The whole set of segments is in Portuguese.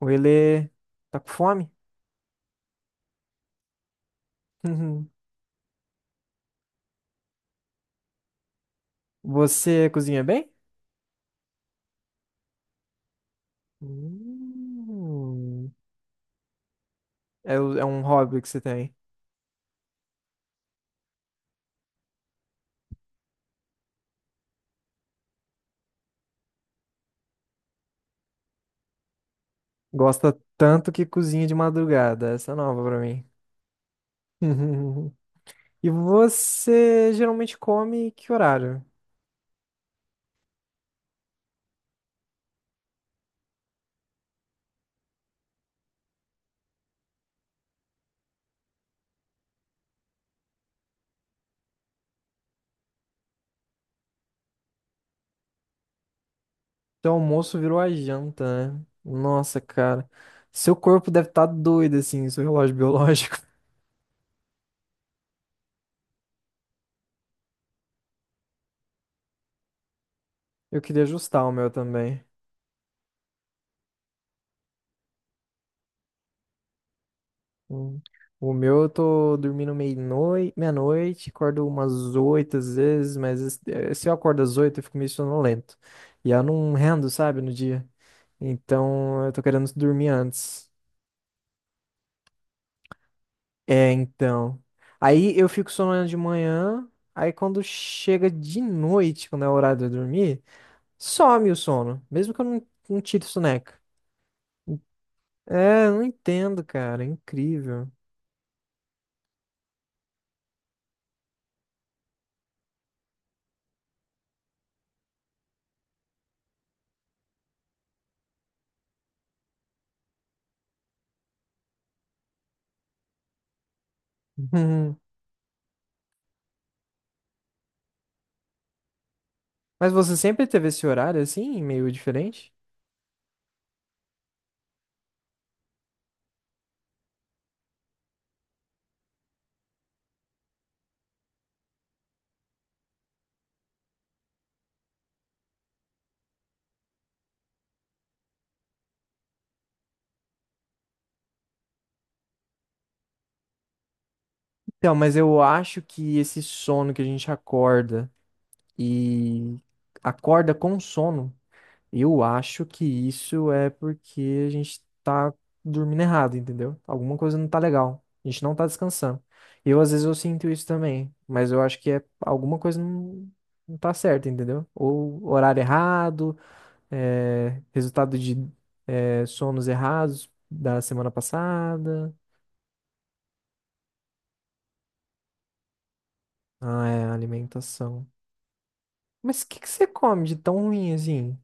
O Ele tá com fome? Você cozinha bem? Hum, é, é um hobby que você tem. Gosta tanto que cozinha de madrugada. Essa é nova pra mim. E você geralmente come que horário? Seu almoço virou a janta, né? Nossa, cara. Seu corpo deve estar doido, assim, seu relógio biológico. Eu queria ajustar o meu também. Hum. O meu eu tô dormindo meia-noite, meia-noite, acordo umas 8 às vezes, mas se eu acordo às 8 eu fico meio sonolento. E eu não rendo, sabe, no dia. Então eu tô querendo dormir antes. É, então. Aí eu fico sonolento de manhã, aí quando chega de noite, quando é o horário de eu dormir, some o sono, mesmo que eu não tire soneca. É, eu não entendo, cara, é incrível. Mas você sempre teve esse horário assim, meio diferente? Então, mas eu acho que esse sono que a gente acorda e acorda com sono, eu acho que isso é porque a gente tá dormindo errado, entendeu? Alguma coisa não tá legal. A gente não tá descansando. Eu, às vezes, eu sinto isso também, mas eu acho que é alguma coisa não, não tá certa, entendeu? Ou horário errado, é, resultado de é, sonos errados da semana passada. Ah, é, alimentação. Mas o que que você come de tão ruim assim?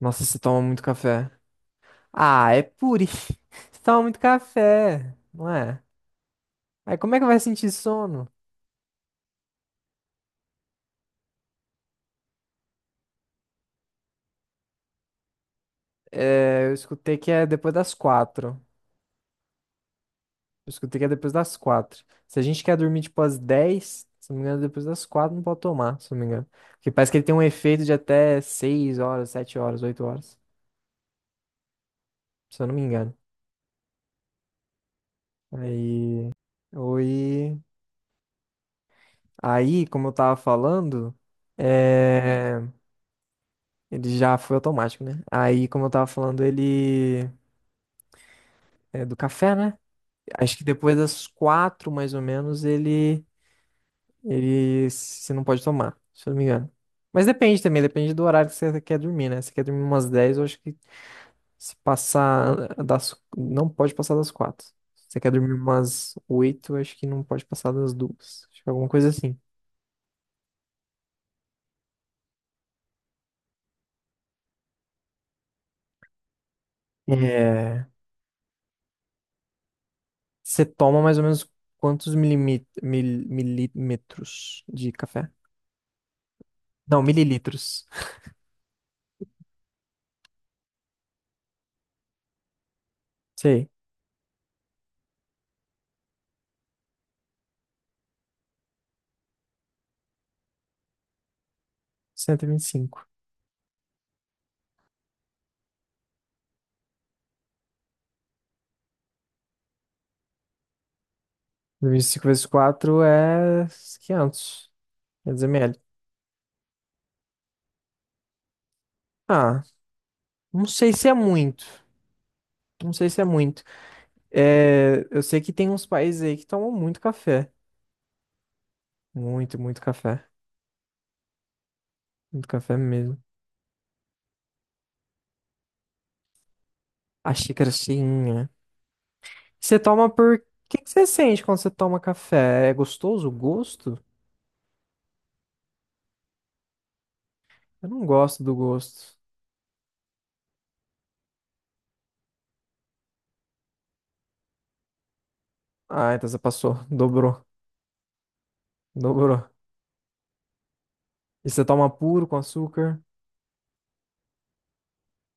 Nossa, você toma muito café. Ah, é puri. Você toma muito café, não é? Aí como é que vai sentir sono? É, eu escutei que é depois das 4. Eu escutei que é depois das quatro. Se a gente quer dormir tipo às 10, se não me engano, é depois das quatro não pode tomar, se não me engano. Porque parece que ele tem um efeito de até 6 horas, 7 horas, 8 horas, se eu não me engano. Aí. Oi. Aí, como eu tava falando. Hum. É... Ele já foi automático, né? Aí, como eu tava falando, ele é do café, né? Acho que depois das quatro, mais ou menos, ele se não pode tomar, se eu não me engano. Mas depende também, depende do horário que você quer dormir, né? Se você quer dormir umas 10, eu acho que se passar das não pode passar das 4. Se você quer dormir umas 8, eu acho que não pode passar das 2. Acho que é alguma coisa assim. É, você toma mais ou menos quantos milímetros de café? Não, mililitros. Sei, cento e vinte e cinco, 25 vezes 4 é 500 500 ml. Ah, não sei se é muito. Não sei se é muito. É, eu sei que tem uns países aí que tomam muito café. Muito, muito café. Muito café mesmo. A xícara cheinha. Você toma por... O que que você sente quando você toma café? É gostoso o gosto? Eu não gosto do gosto. Ah, então você passou. Dobrou. Dobrou. E você toma puro com açúcar?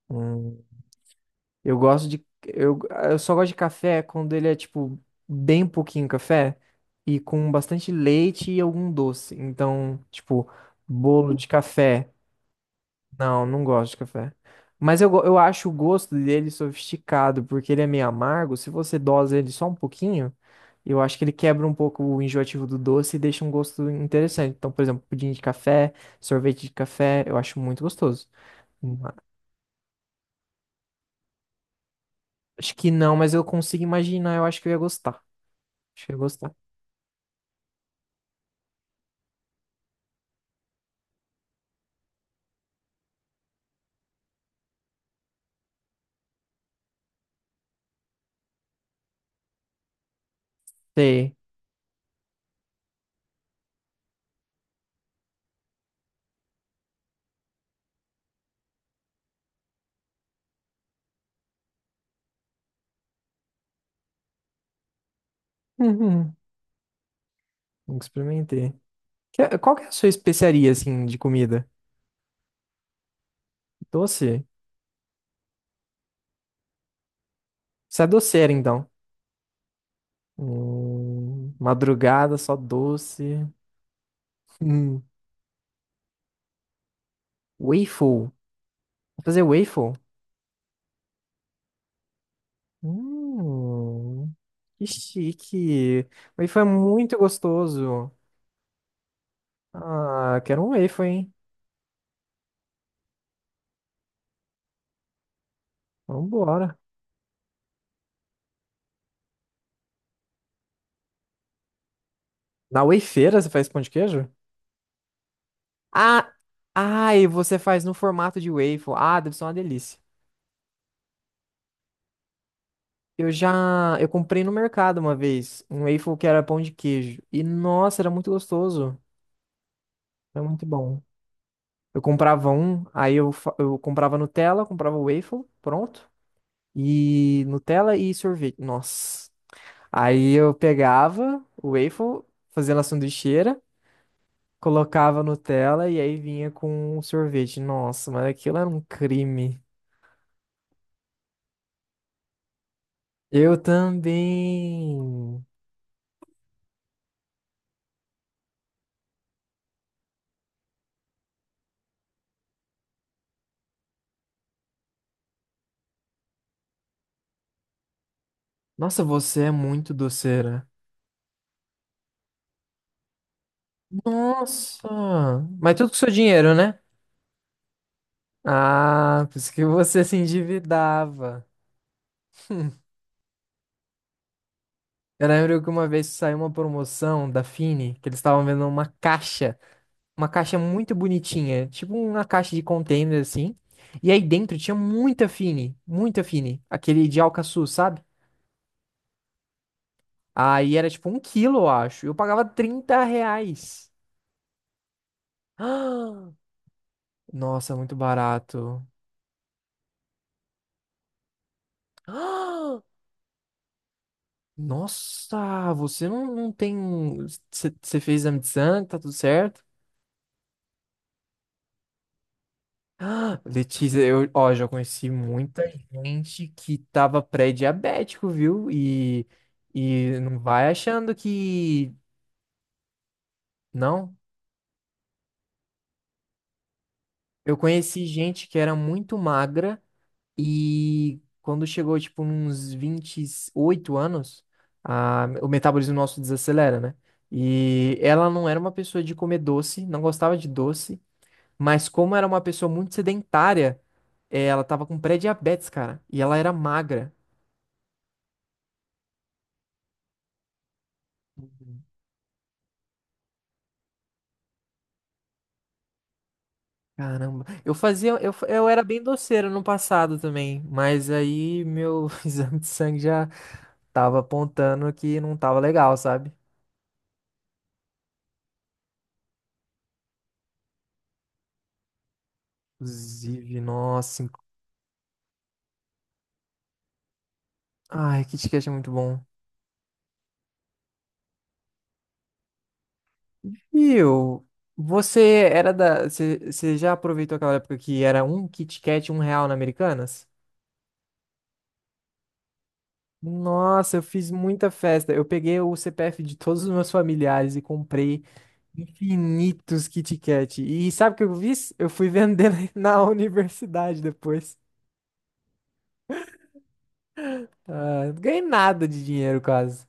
Hum. Eu gosto de. Eu só gosto de café quando ele é, tipo, bem pouquinho café e com bastante leite e algum doce. Então, tipo, bolo de café. Não, não gosto de café. Mas eu acho o gosto dele sofisticado, porque ele é meio amargo. Se você dosa ele só um pouquinho, eu acho que ele quebra um pouco o enjoativo do doce e deixa um gosto interessante. Então, por exemplo, pudim de café, sorvete de café, eu acho muito gostoso. Ma- Acho que não, mas eu consigo imaginar, eu acho que eu ia gostar. Achei gostar. Sei. Uhum. Nunca experimentei. Qual que é a sua especiaria, assim, de comida? Doce? Você é doceira, então. Madrugada, só doce. Hum. Waffle. Vou fazer waffle? Hum, que chique. Waffle é muito gostoso. Ah, quero um waffle, hein? Vambora. Na wafeira você faz pão de queijo? Ah, ah, e você faz no formato de waffle. Ah, deve ser uma delícia. Eu comprei no mercado uma vez, um waffle que era pão de queijo. E nossa, era muito gostoso. Era muito bom. Eu comprava um, eu comprava Nutella, comprava o waffle, pronto. E Nutella e sorvete. Nossa. Aí eu pegava o waffle, fazia na sanduicheira, colocava Nutella e aí vinha com o sorvete. Nossa, mas aquilo era um crime. Eu também. Nossa, você é muito doceira. Nossa! Mas tudo com seu dinheiro, né? Ah, por isso que você se endividava. Eu lembro que uma vez saiu uma promoção da Fini, que eles estavam vendo uma caixa muito bonitinha, tipo uma caixa de container assim. E aí dentro tinha muita Fini, aquele de Alcaçuz, sabe? Aí era tipo um quilo, eu acho. Eu pagava R$ 30. Ah, nossa, muito barato. Nossa, você não tem. Você fez exame de sangue, tá tudo certo? Ah, Letícia, eu, ó, já conheci muita gente que tava pré-diabético, viu? E não vai achando que. Não. Eu conheci gente que era muito magra e quando chegou, tipo, uns 28 anos, o metabolismo nosso desacelera, né? E ela não era uma pessoa de comer doce, não gostava de doce. Mas como era uma pessoa muito sedentária, ela tava com pré-diabetes, cara. E ela era magra. Caramba. Eu fazia, eu, fa- Eu era bem doceiro no passado também, mas aí meu exame de sangue já tava apontando que não tava legal, sabe? Inclusive, nossa. Ai, KitKat é muito bom. E eu, você era da, você já aproveitou aquela época que era um KitKat 1 real na Americanas? Nossa, eu fiz muita festa. Eu peguei o CPF de todos os meus familiares e comprei infinitos Kit Kat. E sabe o que eu fiz? Eu fui vender na universidade depois. Ah, não ganhei nada de dinheiro quase.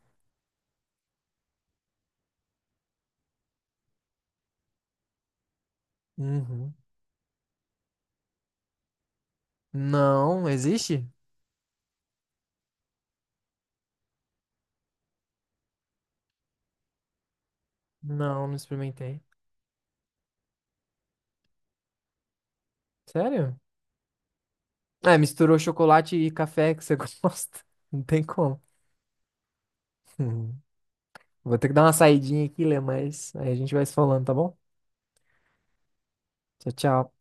Uhum. Não, existe? Não, não experimentei. Sério? Ah, misturou chocolate e café que você gosta. Não tem como. Uhum. Vou ter que dar uma saidinha aqui, Lê, mas aí a gente vai se falando, tá bom? Tchau, tchau.